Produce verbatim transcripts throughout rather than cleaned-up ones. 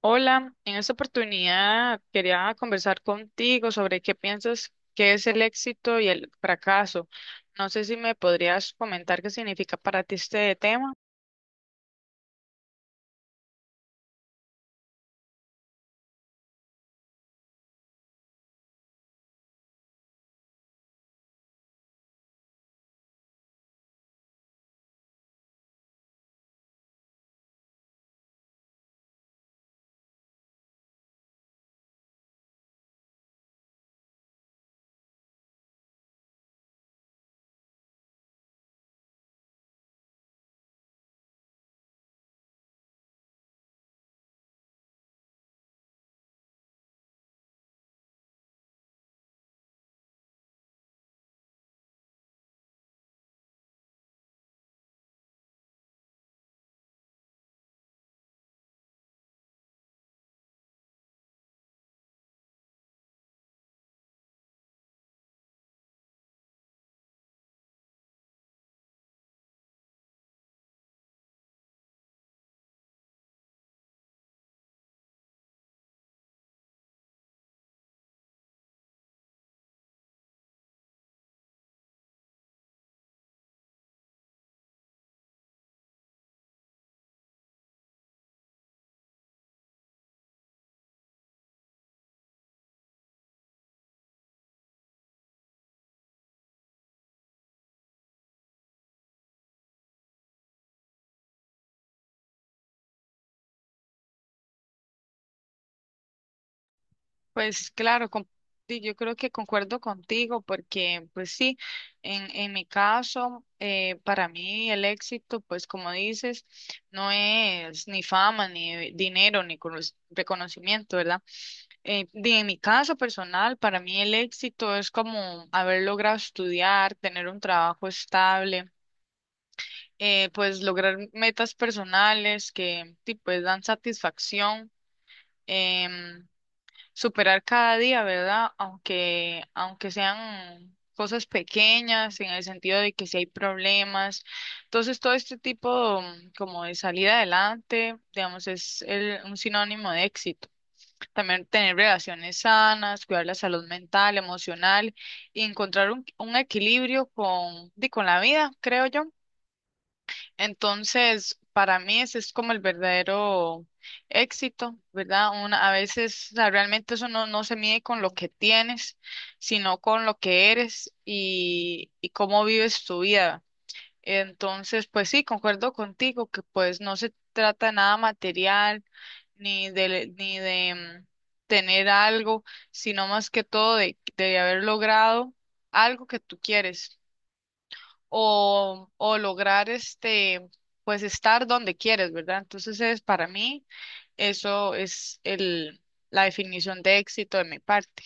Hola, en esta oportunidad quería conversar contigo sobre qué piensas que es el éxito y el fracaso. No sé si me podrías comentar qué significa para ti este tema. Pues claro, con- sí, yo creo que concuerdo contigo porque pues sí, en, en mi caso, eh, para mí el éxito, pues como dices, no es ni fama, ni dinero, ni cono- reconocimiento, ¿verdad? Eh, de- en mi caso personal, para mí el éxito es como haber logrado estudiar, tener un trabajo estable, eh, pues lograr metas personales que sí, pues dan satisfacción. em, Superar cada día, ¿verdad? Aunque, aunque sean cosas pequeñas, en el sentido de que si hay problemas. Entonces, todo este tipo mm, como de salir adelante, digamos, es el- un sinónimo de éxito. También tener relaciones sanas, cuidar la salud mental, emocional y encontrar un, un equilibrio con, di, con la vida, creo yo. Entonces, para mí ese es como el verdadero éxito, ¿verdad? Una, a veces, o sea, realmente eso no, no se mide con lo que tienes, sino con lo que eres y, y cómo vives tu vida. Entonces, pues sí, concuerdo contigo que pues no se trata de nada material ni de, ni de mm, tener algo, sino más que todo de, de haber logrado algo que tú quieres o, o lograr este, pues estar donde quieres, ¿verdad? Entonces es para mí, eso es el, la definición de éxito de mi parte.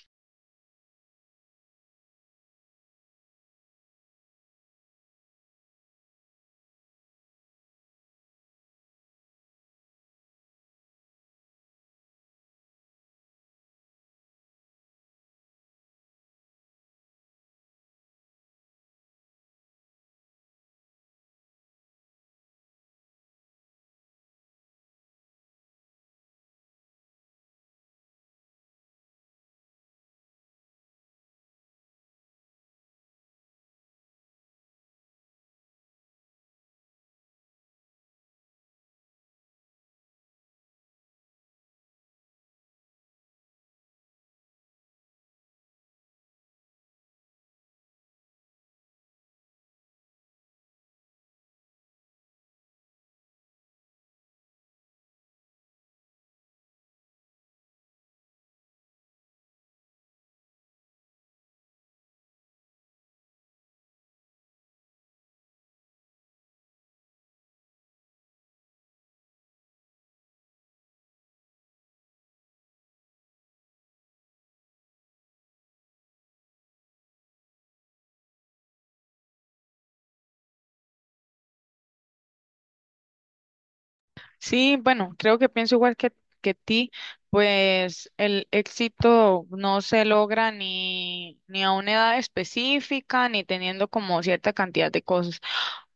Sí, bueno, creo que pienso igual que, que ti, pues el éxito no se logra ni, ni a una edad específica, ni teniendo como cierta cantidad de cosas.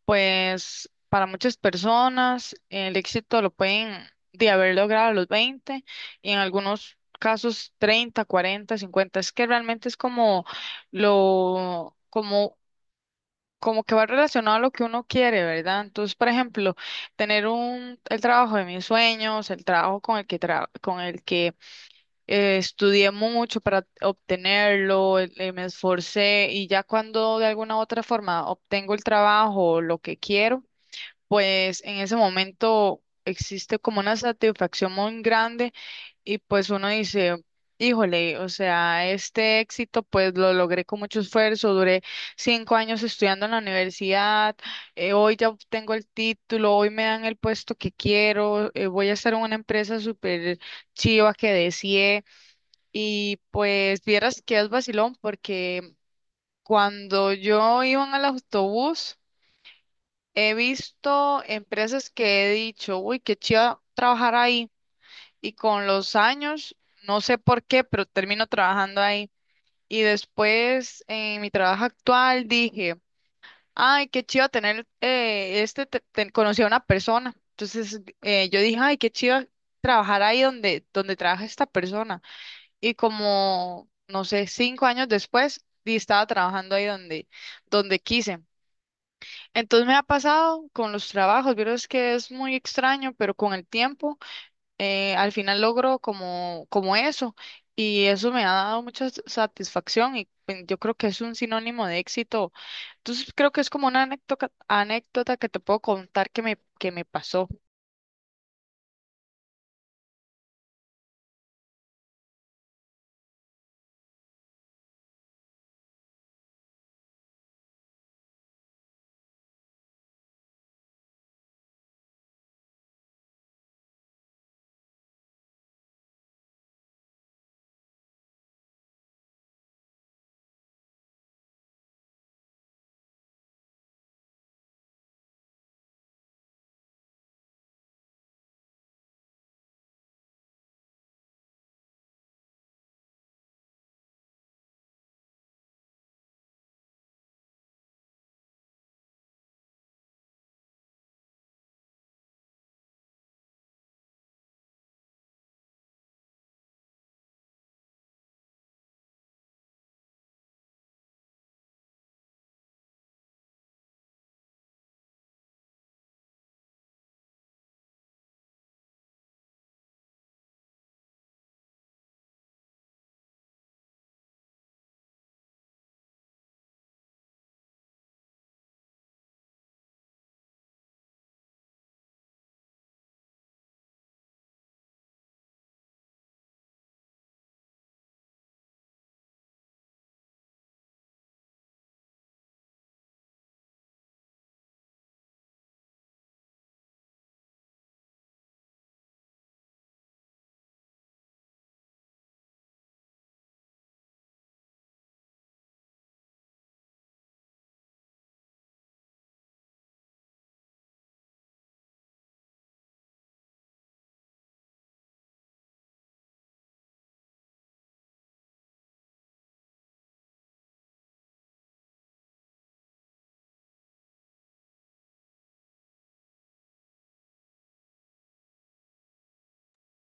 Pues para muchas personas el éxito lo pueden de haber logrado a los veinte y en algunos casos treinta, cuarenta, cincuenta. Es que realmente es como lo, como como que va relacionado a lo que uno quiere, ¿verdad? Entonces, por ejemplo, tener un, el trabajo de mis sueños, el trabajo con el que, tra- con el que eh, estudié mucho para obtenerlo, el- eh, me esforcé y ya cuando de alguna u otra forma obtengo el trabajo, o lo que quiero, pues en ese momento existe como una satisfacción muy grande y pues uno dice, híjole, o sea, este éxito pues lo logré con mucho esfuerzo, duré cinco años estudiando en la universidad. Eh, hoy ya obtengo el título, hoy me dan el puesto que quiero. Eh, voy a estar en una empresa súper chiva que deseé y pues vieras que es vacilón porque cuando yo iba en el autobús, he visto empresas que he dicho, uy, qué chido trabajar ahí. Y con los años, no sé por qué, pero termino trabajando ahí. Y después, en mi trabajo actual, dije, ay, qué chido tener, eh, este, te- te- conocí a una persona. Entonces, eh, yo dije, ay, qué chido trabajar ahí donde, donde trabaja esta persona. Y como, no sé, cinco años después, di- estaba trabajando ahí donde, donde quise. Entonces me ha pasado con los trabajos, vieras que es muy extraño, pero con el tiempo eh, al final logro como, como eso y eso me ha dado mucha s- satisfacción y pen- yo creo que es un sinónimo de éxito. Entonces creo que es como una anécdota, anécdota que te puedo contar que me, que me pasó.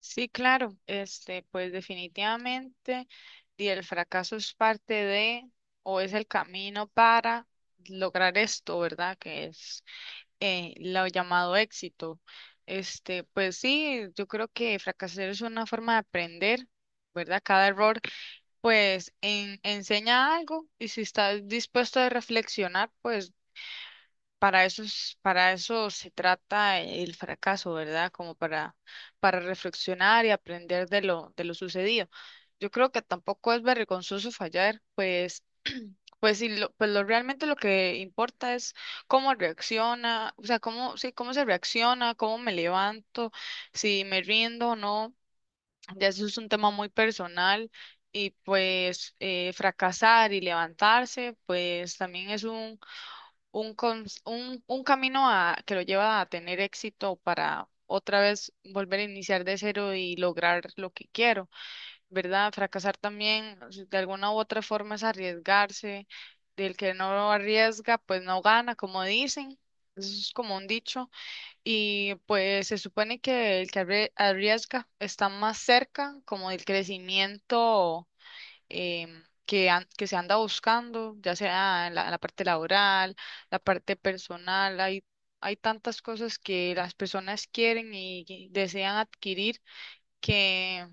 Sí, claro, este, pues definitivamente y el fracaso es parte de o es el camino para lograr esto, ¿verdad? Que es eh, lo llamado éxito. Este, pues sí, yo creo que fracasar es una forma de aprender, ¿verdad? Cada error, pues, en- enseña algo y si estás dispuesto a reflexionar, pues, para eso es- para eso se trata el fracaso, ¿verdad? Como para, para reflexionar y aprender de lo, de lo sucedido. Yo creo que tampoco es vergonzoso fallar, pues pues sí, lo, pues lo realmente lo que importa es cómo reacciona, o sea, cómo, sí, cómo se reacciona, cómo me levanto, si me rindo o no. Ya eso es un tema muy personal y pues eh, fracasar y levantarse, pues también es un, un, cons- un, un camino a, que lo lleva a tener éxito para otra vez volver a iniciar de cero y lograr lo que quiero. ¿Verdad? Fracasar también, o sea, de alguna u otra forma es arriesgarse. Del que no arriesga, pues no gana, como dicen. Eso es como un dicho. Y pues se supone que el que arrie- arriesga está más cerca como del crecimiento em, que, an- que se anda buscando, ya sea en la, en la parte laboral, la parte personal. Hay, hay tantas cosas que las personas quieren y y desean adquirir que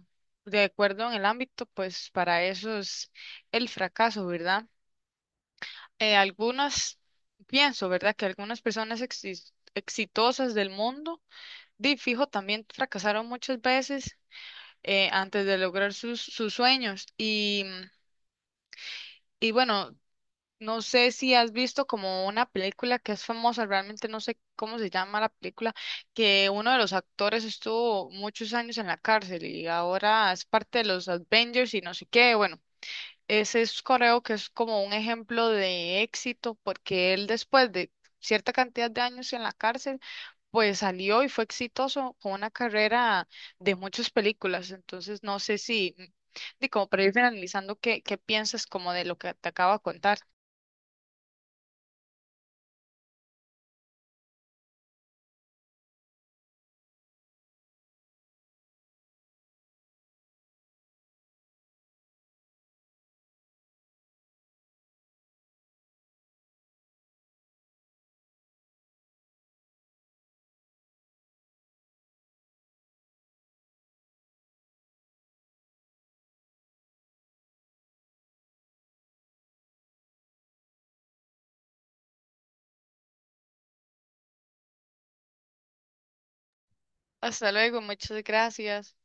de acuerdo en el ámbito, pues para eso es el fracaso, ¿verdad? Eh, algunas, Pienso, ¿verdad?, que algunas personas exis- exitosas del mundo, de fijo, también fracasaron muchas veces eh, antes de lograr sus, sus sueños. Y, y bueno, no sé si has visto como una película que es famosa, realmente no sé cómo se llama la película, que uno de los actores estuvo muchos años en la cárcel y ahora es parte de los Avengers y no sé qué. Bueno, ese es coreo que es como un ejemplo de éxito porque él después de cierta cantidad de años en la cárcel, pues salió y fue exitoso con una carrera de muchas películas. Entonces, no sé si, de como para ir finalizando, ¿qué, qué piensas como de lo que te acabo de contar? Hasta luego, muchas gracias.